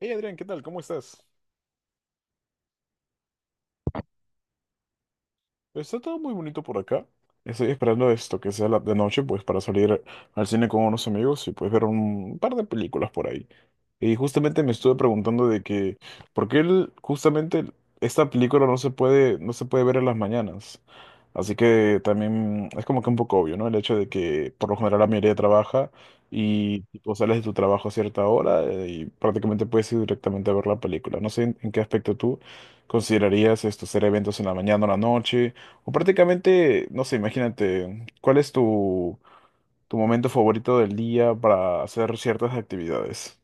Hey Adrián, ¿qué tal? ¿Cómo estás? Está todo muy bonito por acá. Estoy esperando esto, que sea la de noche, pues para salir al cine con unos amigos y pues ver un par de películas por ahí. Y justamente me estuve preguntando de que, ¿por qué esta película no se puede ver en las mañanas? Así que también es como que un poco obvio, ¿no? El hecho de que por lo general la mayoría trabaja y tipo, sales de tu trabajo a cierta hora, y prácticamente puedes ir directamente a ver la película. No sé en qué aspecto tú considerarías esto, ser eventos en la mañana o la noche. O prácticamente, no sé, imagínate, ¿cuál es tu momento favorito del día para hacer ciertas actividades?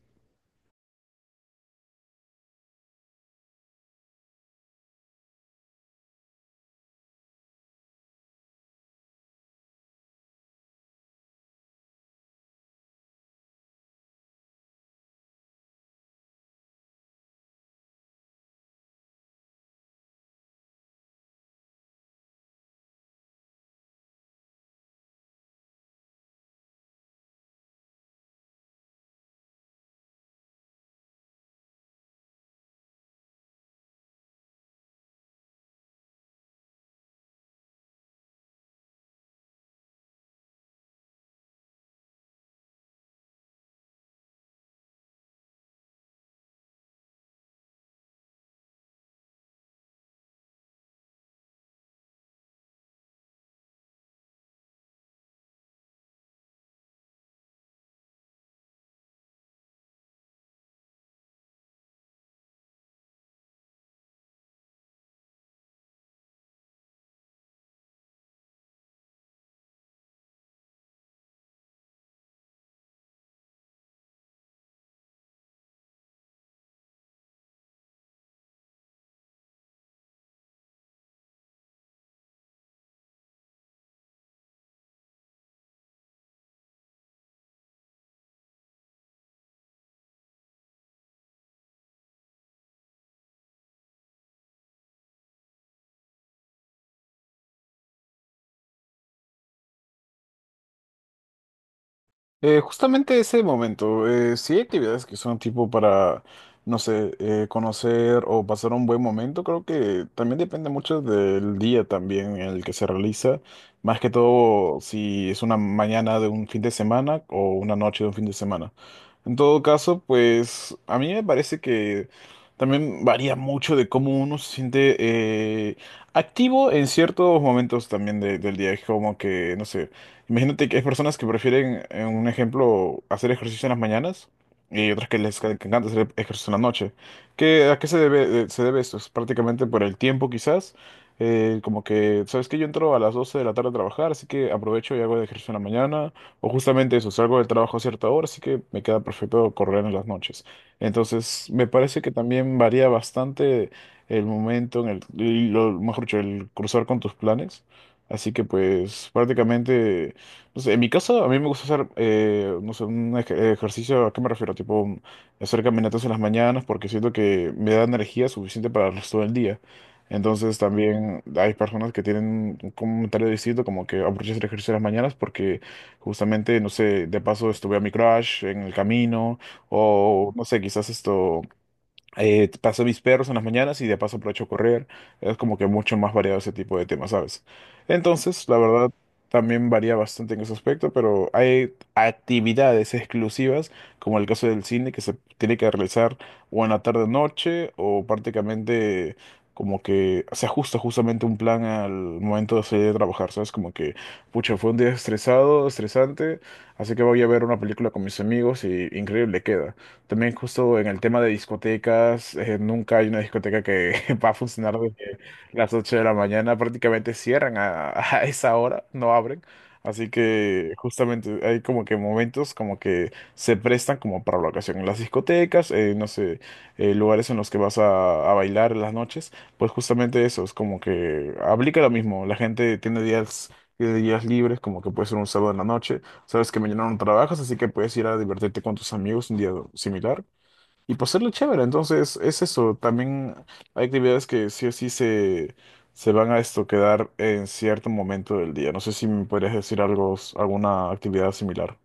Justamente ese momento, sí hay actividades que son tipo para, no sé, conocer o pasar un buen momento, creo que también depende mucho del día también en el que se realiza, más que todo si es una mañana de un fin de semana o una noche de un fin de semana. En todo caso, pues a mí me parece que también varía mucho de cómo uno se siente eh, activo en ciertos momentos también del día, es como que, no sé. Imagínate que hay personas que prefieren, en un ejemplo, hacer ejercicio en las mañanas y otras que que encanta hacer ejercicio en la noche. ¿A qué se debe, esto? Es prácticamente por el tiempo quizás. Como que, ¿sabes qué? Yo entro a las 12 de la tarde a trabajar, así que aprovecho y hago ejercicio en la mañana. O justamente eso, salgo del trabajo a cierta hora, así que me queda perfecto correr en las noches. Entonces, me parece que también varía bastante el momento en el, y lo, mejor dicho, el cruzar con tus planes. Así que pues prácticamente... No sé, en mi caso, a mí me gusta hacer, no sé, un ejercicio. ¿A qué me refiero? Tipo, hacer caminatas en las mañanas porque siento que me da energía suficiente para el resto del día. Entonces también hay personas que tienen un comentario distinto, como que aprovecho hacer ejercicio en las mañanas porque justamente, no sé, de paso estuve a mi crush en el camino o, no sé, quizás esto, paso mis perros en las mañanas y de paso aprovecho a correr. Es como que mucho más variado ese tipo de temas, ¿sabes? Entonces, la verdad, también varía bastante en ese aspecto, pero hay actividades exclusivas, como el caso del cine, que se tiene que realizar o en la tarde o noche, o prácticamente como que se ajusta justamente un plan al momento de salir de trabajar, ¿sabes? Como que, pucha, fue un día estresado, estresante, así que voy a ver una película con mis amigos y increíble queda. También justo en el tema de discotecas, nunca hay una discoteca que va a funcionar desde las 8 de la mañana; prácticamente cierran a, a esa hora, no abren. Así que justamente hay como que momentos como que se prestan como para la ocasión. En las discotecas, no sé, lugares en los que vas a bailar en las noches, pues justamente eso, es como que aplica lo mismo. La gente tiene días libres, como que puede ser un sábado en la noche. Sabes que mañana no trabajas, así que puedes ir a divertirte con tus amigos un día similar y pasarlo chévere. Entonces, es eso. También hay actividades que sí o sí se van a esto quedar en cierto momento del día. No sé si me podrías decir algo, alguna actividad similar.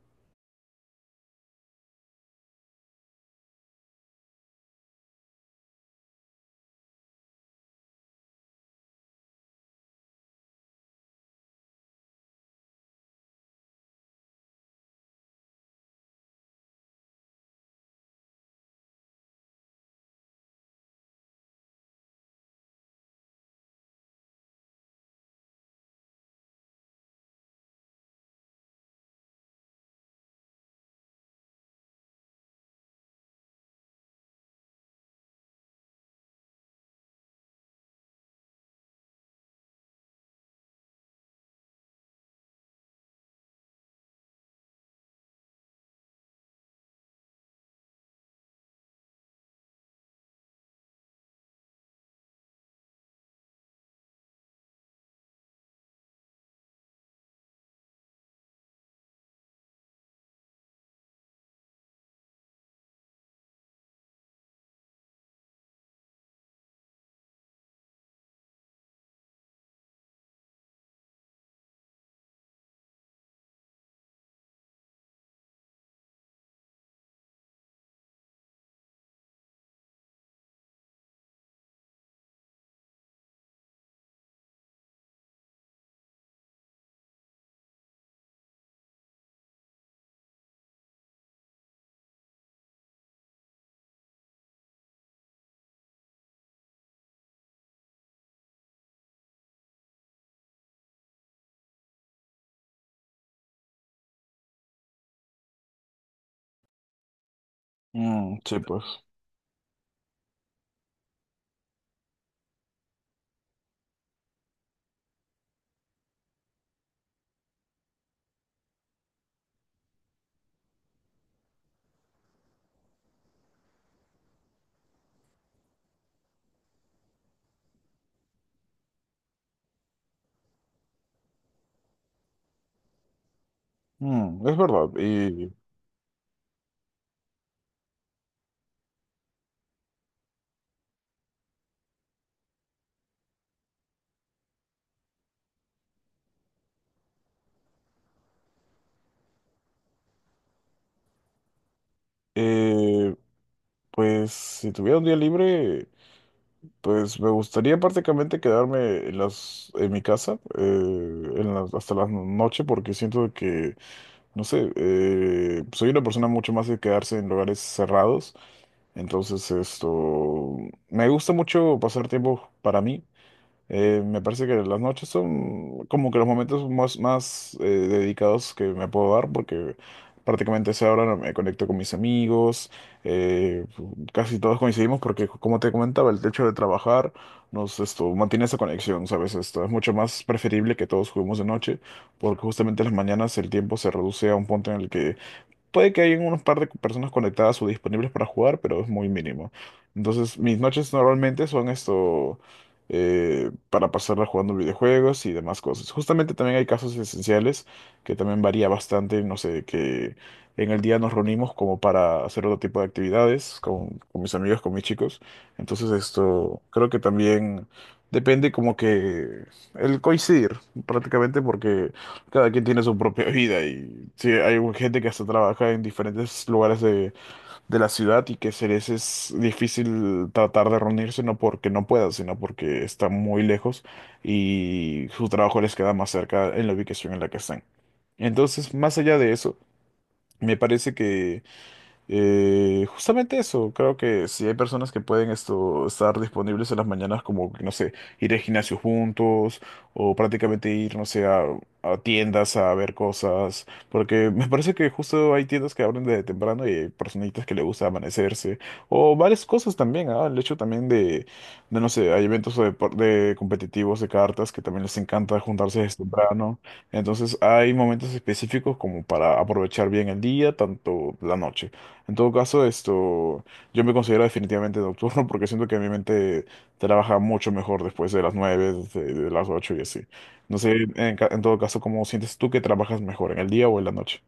Mm, sí, pues. Mm, es verdad. Y eh, pues si tuviera un día libre, pues me gustaría prácticamente quedarme en mi casa hasta la noche porque siento que no sé, soy una persona mucho más de quedarse en lugares cerrados, entonces esto, me gusta mucho pasar tiempo para mí. Me parece que las noches son como que los momentos más dedicados que me puedo dar porque prácticamente a esa hora me conecto con mis amigos. eh, Casi todos coincidimos porque, como te comentaba, el hecho de trabajar nos esto, mantiene esa conexión, ¿sabes? Esto es mucho más preferible, que todos juguemos de noche, porque justamente en las mañanas el tiempo se reduce a un punto en el que puede que hayan unos par de personas conectadas o disponibles para jugar, pero es muy mínimo. Entonces, mis noches normalmente son esto, para pasarla jugando videojuegos y demás cosas. Justamente también hay casos esenciales que también varía bastante, no sé, que en el día nos reunimos como para hacer otro tipo de actividades con mis amigos, con mis chicos. Entonces, esto creo que también depende como que el coincidir prácticamente porque... Cada quien tiene su propia vida y sí, hay gente que hasta trabaja en diferentes lugares de la ciudad y que se les es difícil tratar de reunirse, no porque no puedan, sino porque están muy lejos y su trabajo les queda más cerca en la ubicación en la que están. Entonces, más allá de eso, me parece que justamente eso, creo que si hay personas que pueden esto, estar disponibles en las mañanas, como, que, no sé, ir al gimnasio juntos o prácticamente ir, no sé, a tiendas a ver cosas, porque me parece que justo hay tiendas que abren desde temprano y hay personitas que le gusta amanecerse o varias cosas también, ah, el hecho también no sé, hay eventos de competitivos de cartas que también les encanta juntarse desde temprano, entonces hay momentos específicos como para aprovechar bien el día, tanto la noche. En todo caso, esto, yo me considero definitivamente nocturno porque siento que mi mente trabaja mucho mejor después de las 9, de las 8 y así. No sé, en todo caso, ¿cómo sientes tú que trabajas mejor, en el día o en la noche?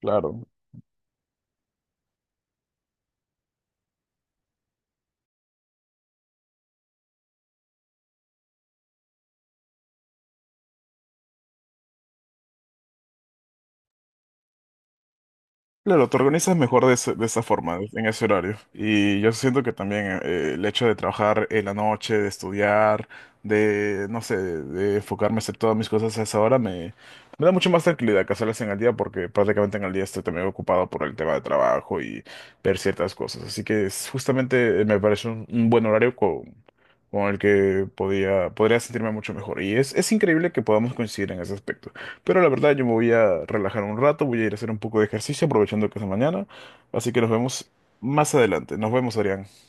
Claro. Claro, te organizas mejor de esa forma, en ese horario. Y yo siento que también el hecho de trabajar en la noche, de estudiar, no sé, de enfocarme a hacer todas mis cosas a esa hora, me da mucho más tranquilidad que hacerlas en el día, porque prácticamente en el día estoy también ocupado por el tema de trabajo y ver ciertas cosas. Así que justamente, me parece un buen horario con el que podría sentirme mucho mejor. Y es increíble que podamos coincidir en ese aspecto. Pero la verdad yo me voy a relajar un rato, voy a ir a hacer un poco de ejercicio aprovechando que es de mañana. Así que nos vemos más adelante. Nos vemos, Adrián.